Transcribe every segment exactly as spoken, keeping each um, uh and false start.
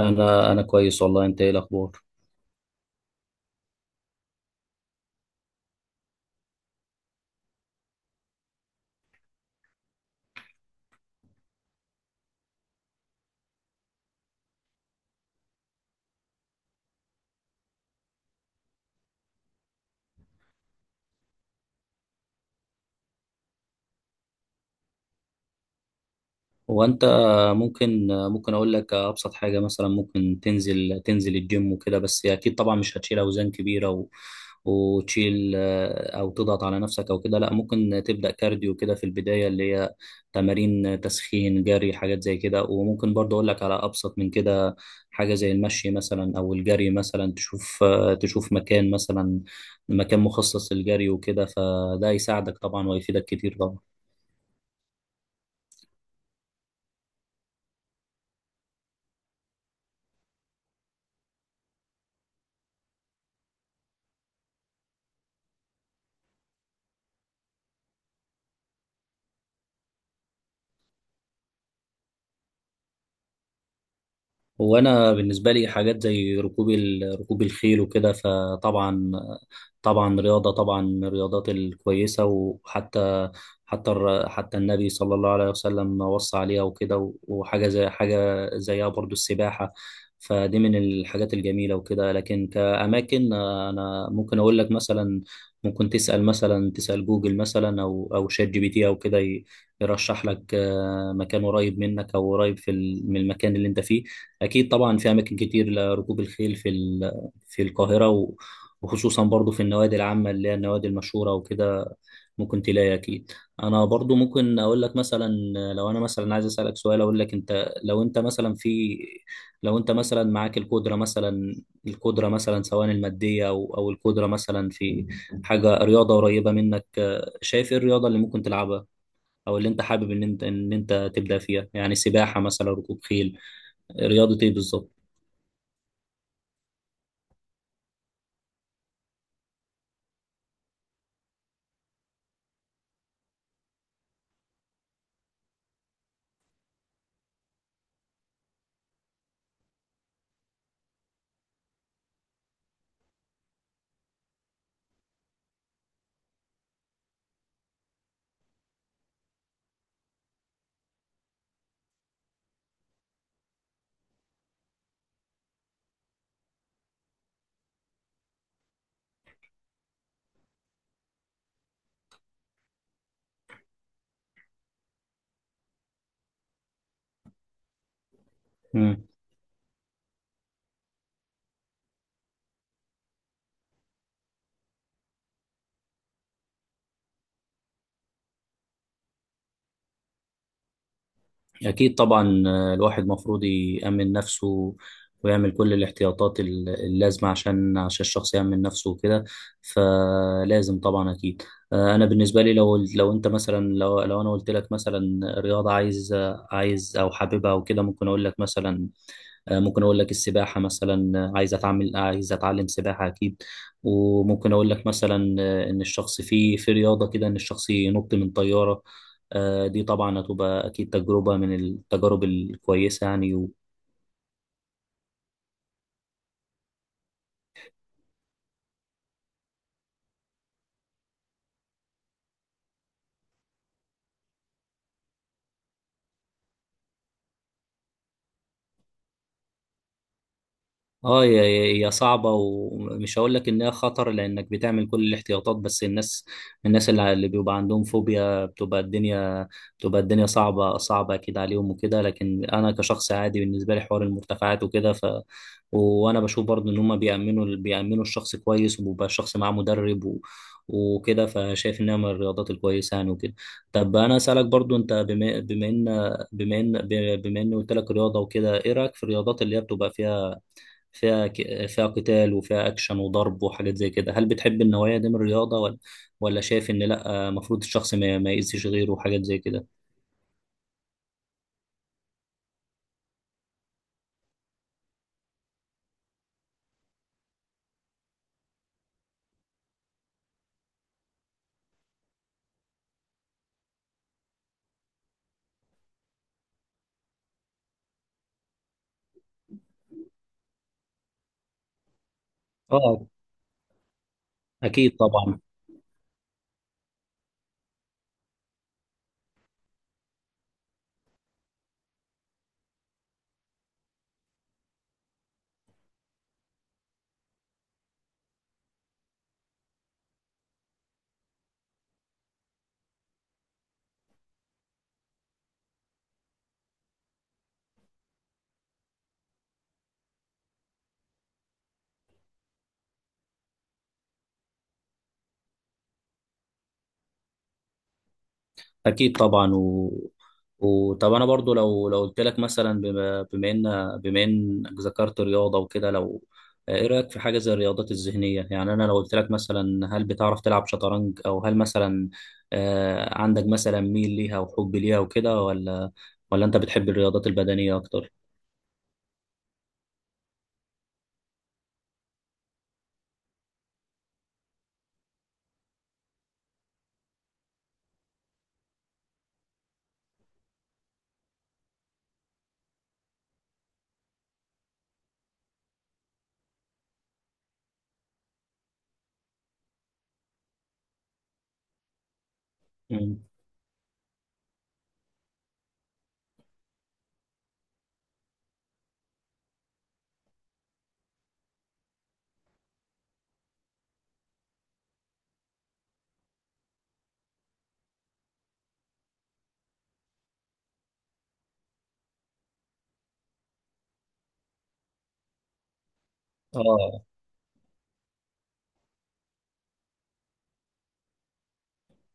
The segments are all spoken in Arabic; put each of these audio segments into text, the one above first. انا انا كويس والله، انت ايه الاخبار؟ هو انت ممكن ممكن اقول لك ابسط حاجه مثلا. ممكن تنزل تنزل الجيم وكده، بس اكيد طبعا مش هتشيل اوزان كبيره و... وتشيل آه، او تضغط على نفسك او كده. لا، ممكن تبدا كارديو كده في البدايه، اللي هي تمارين تسخين، جري، حاجات زي كده. وممكن برضه اقول لك على ابسط من كده، حاجه زي المشي مثلا او الجري مثلا. تشوف آه، تشوف مكان مثلا، مكان مخصص للجري وكده، فده يساعدك طبعا ويفيدك كتير طبعا. هو انا بالنسبه لي حاجات زي ركوب ال- ركوب الخيل وكده، فطبعا طبعا رياضه طبعا من الرياضات الكويسه. وحتى حتى الر- حتى النبي صلى الله عليه وسلم وصى عليها وكده، وحاجه زي حاجه زيها برضو السباحه، فدي من الحاجات الجميله وكده. لكن كاماكن، آه، انا ممكن اقول لك مثلا، ممكن تسال مثلا تسال جوجل مثلا او او شات جي بي تي او كده. ي- يرشح لك آه، مكان قريب منك، او قريب في ال- من المكان اللي انت فيه. أكيد طبعا في أماكن كتير لركوب الخيل في ال- في القاهرة، و- وخصوصا برضو في النوادي العامة، اللي هي النوادي المشهورة وكده، ممكن تلاقي أكيد. أنا برضو ممكن أقول لك مثلا، لو أنا مثلا عايز أسألك سؤال أقول لك، أنت لو أنت مثلا في لو أنت مثلا معاك القدرة مثلا، القدرة مثلا، سواء المادية أو أو القدرة مثلا، في حاجة رياضة قريبة منك، آه، شايف إيه الرياضة اللي ممكن تلعبها، أو اللي أنت حابب إن أنت إن أنت تبدأ فيها؟ يعني سباحة مثلا، ركوب خيل، رياضة إيه بالظبط؟ مم. أكيد طبعا. آه، الواحد مفروض يأمن نفسه، ويعمل كل الاحتياطات ال- اللازمة، عشان عشان الشخص يأمن نفسه وكده، فلازم طبعا أكيد. آه، أنا بالنسبة لي، لو لو أنت مثلا لو لو أنا قلت لك مثلا رياضة عايز، آه، عايز أو حاببها وكده، ممكن أقول لك مثلا. آه، ممكن اقول لك السباحه مثلا، آه، عايز اتعامل عايز اتعلم سباحه اكيد. وممكن اقول لك مثلا آه، ان الشخص في في رياضه كده، ان الشخص ينط من طياره. آه، دي طبعا هتبقى اكيد تجربه من التجارب الكويسه يعني. اه، هي هي صعبة، ومش هقول لك انها خطر لانك بتعمل كل الاحتياطات. بس الناس الناس اللي اللي بيبقى عندهم فوبيا، بتبقى الدنيا بتبقى الدنيا صعبة، صعبة اكيد عليهم وكده. لكن انا كشخص عادي، بالنسبة لي حوار المرتفعات وكده، ف وانا بشوف برضه ان هم بيأمنوا بيأمنوا الشخص كويس، وبيبقى الشخص معاه مدرب و... وكده، فشايف انها من الرياضات الكويسة يعني وكده. طب انا اسالك برضو، انت، بما بما ان بما ان بما ان قلت لك رياضة وكده، ايه رأيك في الرياضات اللي هي بتبقى فيها فيها ك- فيها قتال وفيها اكشن وضرب وحاجات زي كده؟ هل بتحب النوعية دي من الرياضة، ولا ولا شايف ان لا، المفروض الشخص ما, ما يأذيش غيره، وحاجات زي كده؟ اه اكيد طبعا. اكيد طبعا و... وطب انا برضو، لو لو قلت لك مثلا، بما بما ان بما انك ذكرت رياضة وكده، لو ايه رأيك في حاجة زي الرياضات الذهنية؟ يعني انا لو قلت لك مثلا: هل بتعرف تلعب شطرنج، او هل مثلا آه عندك مثلا ميل ليها وحب ليها وكده، ولا ولا انت بتحب الرياضات البدنية اكتر؟ مم. اه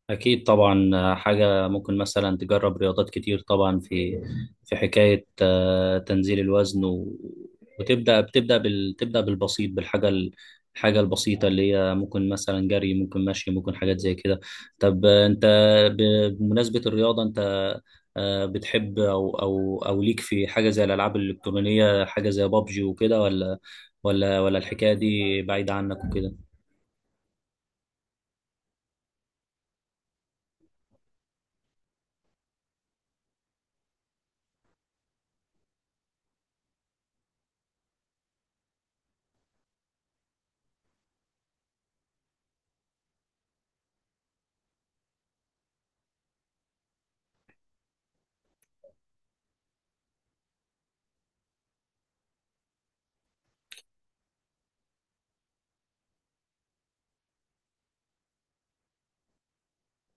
اكيد طبعا. آه، حاجه، ممكن مثلا تجرب رياضات كتير طبعا، في في حكايه آه، تنزيل الوزن، و... وتبدا بتبدا بال... تبدا بالبسيط، بالحاجه ال... الحاجه البسيطه اللي هي ممكن مثلا جري، ممكن مشي، ممكن حاجات زي كده. طب آه، انت، ب... بمناسبه الرياضه، انت آه، بتحب، او او او ليك في حاجه زي الالعاب الالكترونيه، حاجه زي بابجي وكده، ولا ولا ولا الحكايه دي بعيده عنك وكده؟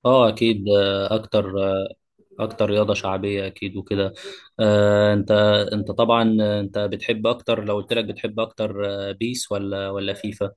اه اكيد. آه، اكتر اكتر رياضه شعبيه اكيد وكده. آه انت انت طبعا انت بتحب اكتر، لو قلت لك بتحب اكتر، آه، بيس ولا ولا فيفا؟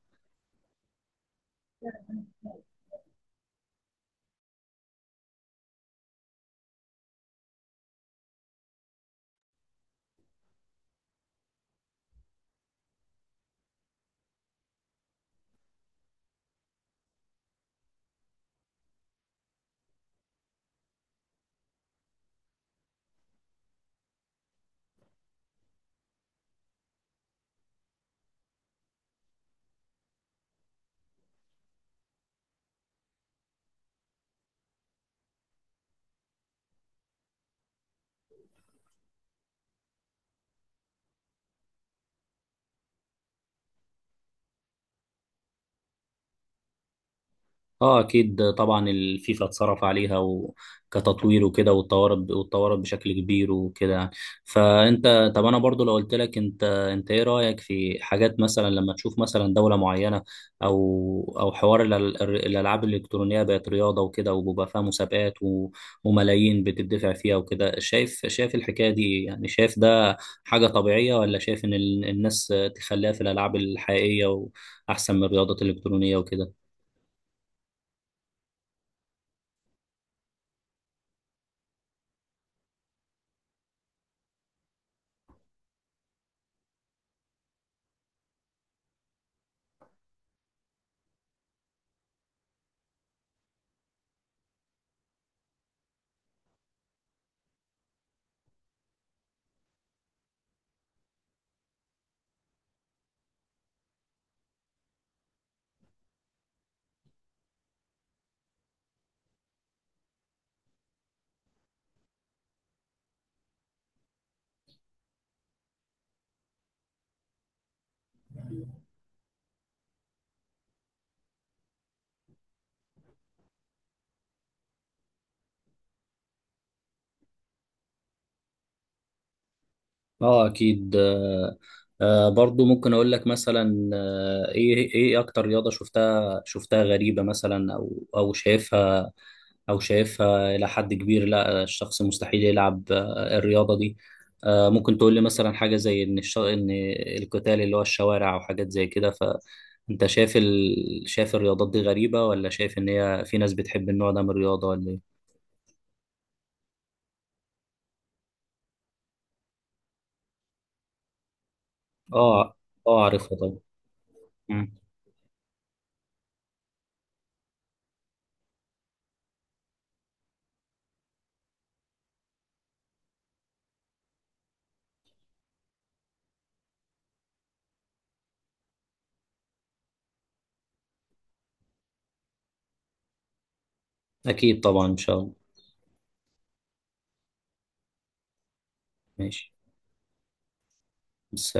اه اكيد طبعا، الفيفا اتصرف عليها و... كتطوير وكده، واتطورت واتطورت بشكل كبير وكده يعني. فانت، طب انا برضو لو قلت لك، انت انت ايه رايك في حاجات، مثلا لما تشوف مثلا دوله معينه، او او حوار الأل- الر- الالعاب الالكترونيه بقت رياضه وكده، وبيبقى فيها مسابقات و... وملايين بتدفع فيها وكده، شايف، شايف الحكايه دي، يعني شايف ده حاجه طبيعيه، ولا شايف ان ال- الناس تخليها في الالعاب الحقيقيه واحسن من الرياضات الالكترونيه وكده؟ اه اكيد. آه آه برضو ممكن اقول لك مثلا، آه ايه ايه اكتر رياضة شفتها شفتها غريبة مثلا، او او شايفها او شايفها الى حد كبير، لا الشخص مستحيل يلعب آه الرياضة دي؟ آه ممكن تقول لي مثلا حاجة زي ان الش... ان القتال اللي هو الشوارع، او حاجات زي كده، فانت شايف ال... شايف الرياضات دي غريبة، ولا شايف ان هي في ناس بتحب النوع ده من الرياضة، ولا ايه؟ اه اه، عارفها طبعا. مم. اكيد طبعا ان شاء الله. ماشي، السلام.